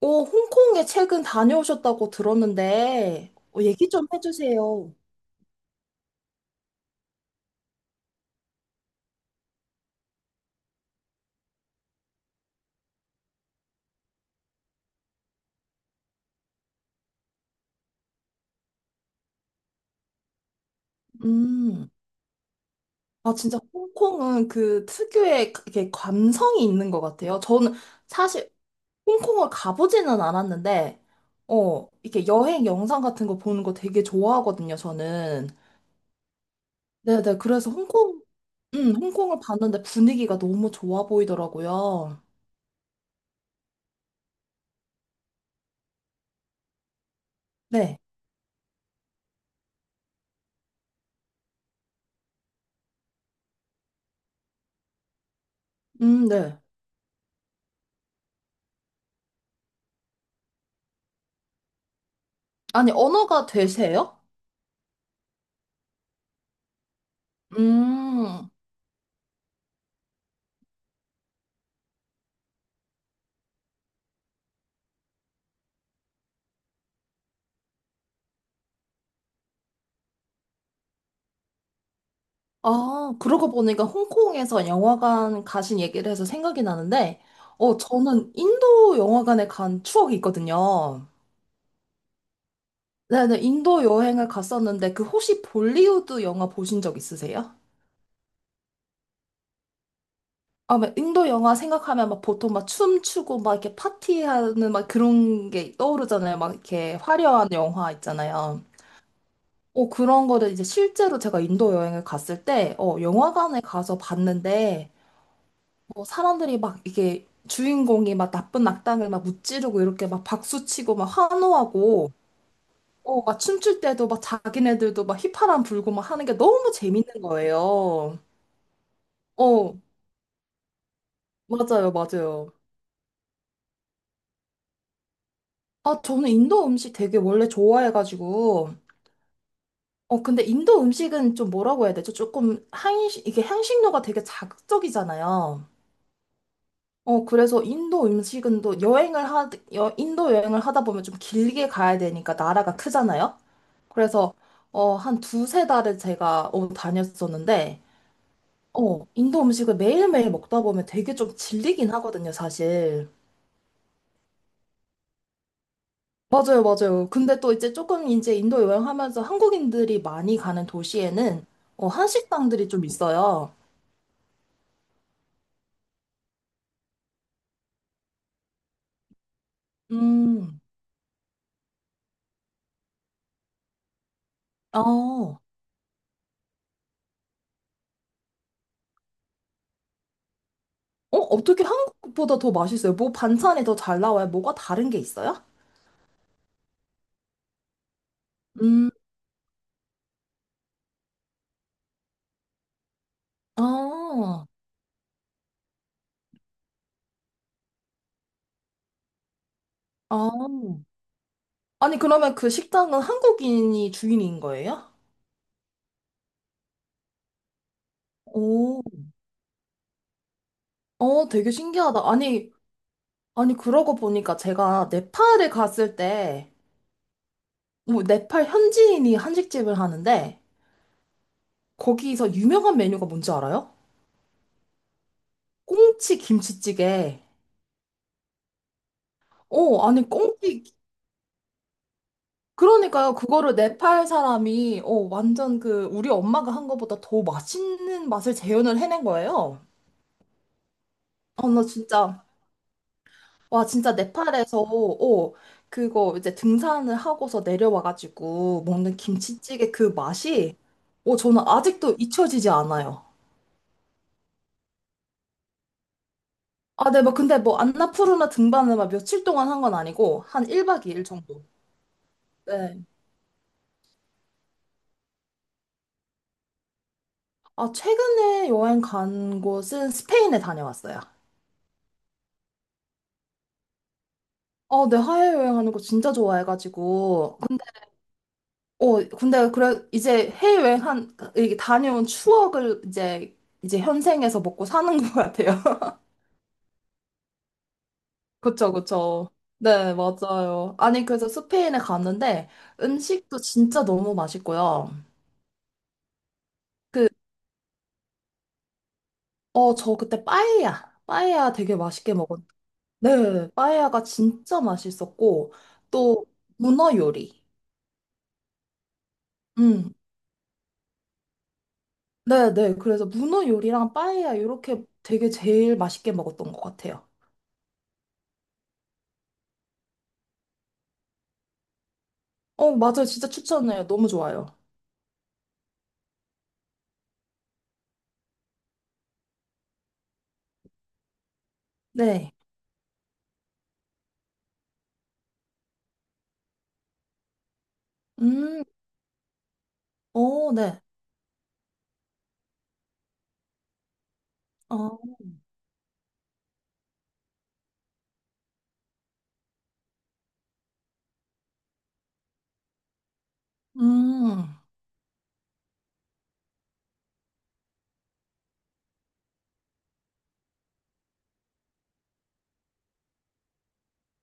오, 홍콩에 최근 다녀오셨다고 들었는데, 얘기 좀 해주세요. 음, 아, 진짜 홍콩은 그 특유의 이렇게 감성이 있는 것 같아요. 저는 사실 홍콩을 가보지는 않았는데, 이렇게 여행 영상 같은 거 보는 거 되게 좋아하거든요, 저는. 네네, 그래서 홍콩을 봤는데 분위기가 너무 좋아 보이더라고요. 네, 네. 아니, 언어가 되세요? 음. 아, 그러고 보니까 홍콩에서 영화관 가신 얘기를 해서 생각이 나는데, 저는 인도 영화관에 간 추억이 있거든요. 네네, 인도 여행을 갔었는데, 그 혹시 볼리우드 영화 보신 적 있으세요? 아, 막 인도 영화 생각하면 막 보통 막 춤추고 막 이렇게 파티하는 막 그런 게 떠오르잖아요. 막 이렇게 화려한 영화 있잖아요. 그런 거를 이제 실제로 제가 인도 여행을 갔을 때, 영화관에 가서 봤는데, 뭐 사람들이 막 이게 주인공이 막 나쁜 악당을 막 무찌르고 이렇게 막 박수치고 막 환호하고 막 춤출 때도 막 자기네들도 막 휘파람 불고 막 하는 게 너무 재밌는 거예요. 어, 맞아요, 맞아요. 아, 저는 인도 음식 되게 원래 좋아해가지고 근데 인도 음식은 좀 뭐라고 해야 되죠? 조금 이게 향신료가 되게 자극적이잖아요. 그래서 인도 음식은 또 인도 여행을 하다 보면 좀 길게 가야 되니까 나라가 크잖아요? 그래서 한 두세 달을 제가 다녔었는데 인도 음식을 매일매일 먹다 보면 되게 좀 질리긴 하거든요, 사실. 맞아요, 맞아요. 근데 또 이제 조금 이제 인도 여행하면서 한국인들이 많이 가는 도시에는 한식당들이 좀 있어요. 음, 어, 어, 어떻게 한국보다 더 맛있어요? 뭐 반찬이 더 잘 나와요? 뭐가 다른 게 있어요? 음, 아, 아. 아니, 그러면 그 식당은 한국인이 주인인 거예요? 오. 되게 신기하다. 아니, 아니, 그러고 보니까 제가 네팔에 갔을 때, 뭐, 네팔 현지인이 한식집을 하는데, 거기서 유명한 메뉴가 뭔지 알아요? 꽁치 김치찌개. 아니, 꽁치, 그러니까요. 그거를 네팔 사람이, 완전 그, 우리 엄마가 한 거보다 더 맛있는 맛을 재현을 해낸 거예요. 아, 나 진짜. 와, 진짜 네팔에서, 그거 이제 등산을 하고서 내려와가지고 먹는 김치찌개 그 맛이, 저는 아직도 잊혀지지 않아요. 아, 네, 뭐 근데 뭐 안나푸르나 등반을 막 며칠 동안 한 건 아니고, 한 1박 2일 정도. 네. 아, 최근에 여행 간 곳은 스페인에 다녀왔어요. 어, 네, 해외여행하는 거 진짜 좋아해가지고. 근데 그래, 이제 이게 다녀온 추억을 이제, 이제 현생에서 먹고 사는 것 같아요. 그쵸, 그쵸. 네, 맞아요. 아니, 그래서 스페인에 갔는데 음식도 진짜 너무 맛있고요. 그, 저 그때 빠에야 되게 맛있게 먹었. 네, 빠에야가 진짜 맛있었고, 또 문어 요리. 음, 네, 네. 그래서 문어 요리랑 빠에야 이렇게 되게 제일 맛있게 먹었던 것 같아요. 어, 맞아요. 진짜 추천해요. 너무 좋아요. 네. 음, 어, 네. 어, 음.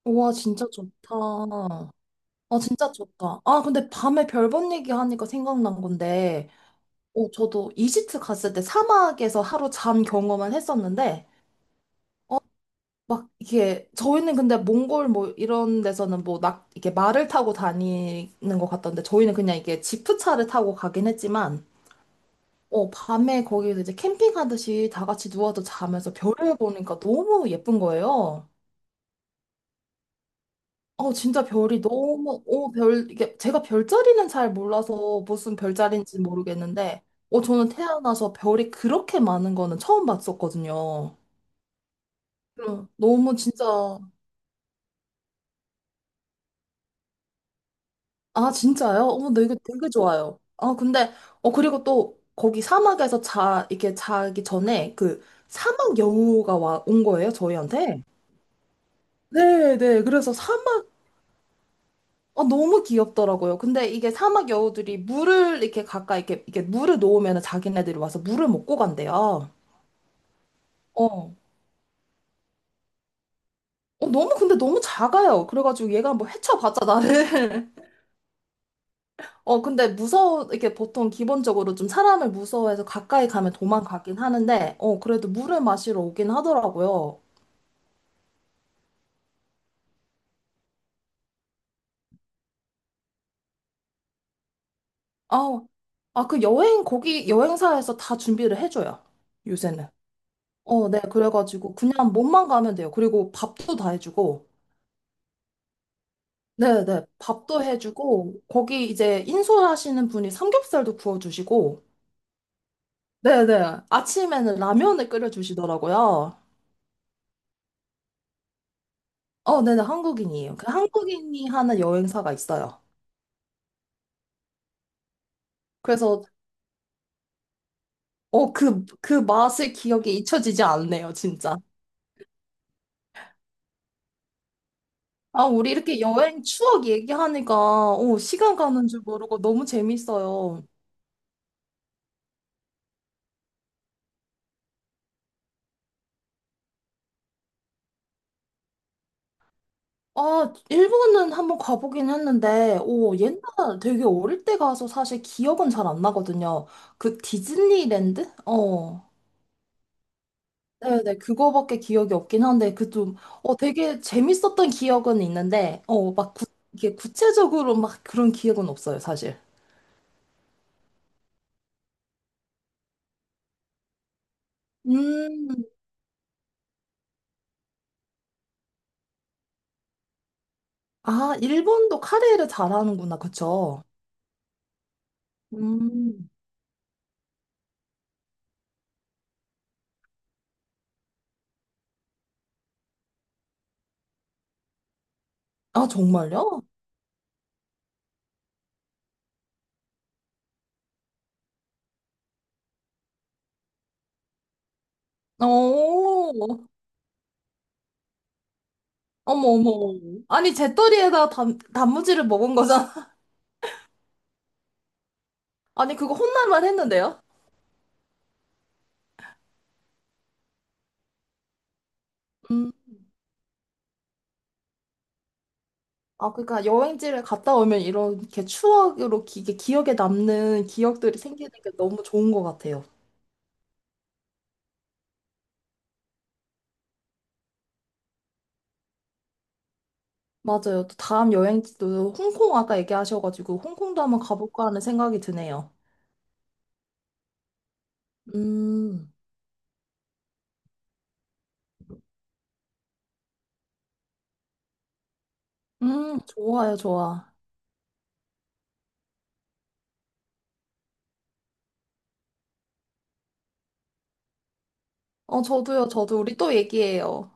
우와, 진짜 좋다. 아, 진짜 좋다. 아, 근데 밤에 별본 얘기하니까 생각난 건데, 저도 이집트 갔을 때 사막에서 하루 잔 경험을 했었는데, 막 이게, 저희는 근데 몽골 뭐 이런 데서는 뭐 이게 말을 타고 다니는 것 같던데, 저희는 그냥 이게 지프차를 타고 가긴 했지만, 밤에 거기서 이제 캠핑하듯이 다 같이 누워서 자면서 별을 보니까 너무 예쁜 거예요. 진짜 별이 너무, 이게, 제가 별자리는 잘 몰라서 무슨 별자리인지 모르겠는데, 저는 태어나서 별이 그렇게 많은 거는 처음 봤었거든요. 응, 너무 진짜, 아, 진짜요? 어머, 이거 되게 좋아요. 아, 근데, 그리고 또, 거기 사막에서 이게 자기 전에 그 사막 여우가 온 거예요, 저희한테. 네, 네. 그래서 사막 너무 귀엽더라고요. 근데 이게 사막 여우들이 물을 이렇게 가까이 이렇게, 이렇게 물을 놓으면 자기네들이 와서 물을 먹고 간대요. 어. 너무 근데 너무 작아요. 그래가지고 얘가 뭐 헤쳐봤자 나를. 근데 무서워 이렇게 보통 기본적으로 좀 사람을 무서워해서 가까이 가면 도망가긴 하는데, 그래도 물을 마시러 오긴 하더라고요. 아, 아, 그 여행 거기 여행사에서 다 준비를 해줘요. 요새는. 어, 네. 그래가지고 그냥 몸만 가면 돼요. 그리고 밥도 다 해주고. 네네. 밥도 해주고, 거기 이제 인솔하시는 분이 삼겹살도 구워주시고, 네네. 아침에는 라면을 끓여주시더라고요. 어, 네네. 한국인이에요. 그 한국인이 하는 여행사가 있어요. 그래서, 그 맛의 기억이 잊혀지지 않네요, 진짜. 아, 우리 이렇게 여행 추억 얘기하니까, 시간 가는 줄 모르고 너무 재밌어요. 아, 일본은 한번 가보긴 했는데, 오, 옛날 되게 어릴 때 가서 사실 기억은 잘 안 나거든요. 그 디즈니랜드? 어. 네네, 그거밖에 기억이 없긴 한데, 그 좀, 되게 재밌었던 기억은 있는데, 이게 구체적으로 막 그런 기억은 없어요, 사실. 음, 아, 일본도 카레를 잘하는구나, 그쵸? 음, 아, 정말요? 어, 어머, 어머. 아니, 제떨이에다 단, 단무지를 먹은 거잖아. 아니, 그거 혼날만 했는데요? 음. 아, 그러니까 여행지를 갔다 오면 이렇게 추억으로 이게 기억에 남는 기억들이 생기는 게 너무 좋은 것 같아요. 맞아요. 또 다음 여행지도 홍콩 아까 얘기하셔가지고 홍콩도 한번 가볼까 하는 생각이 드네요. 음, 좋아요, 좋아. 어, 저도요, 저도 우리 또 얘기해요.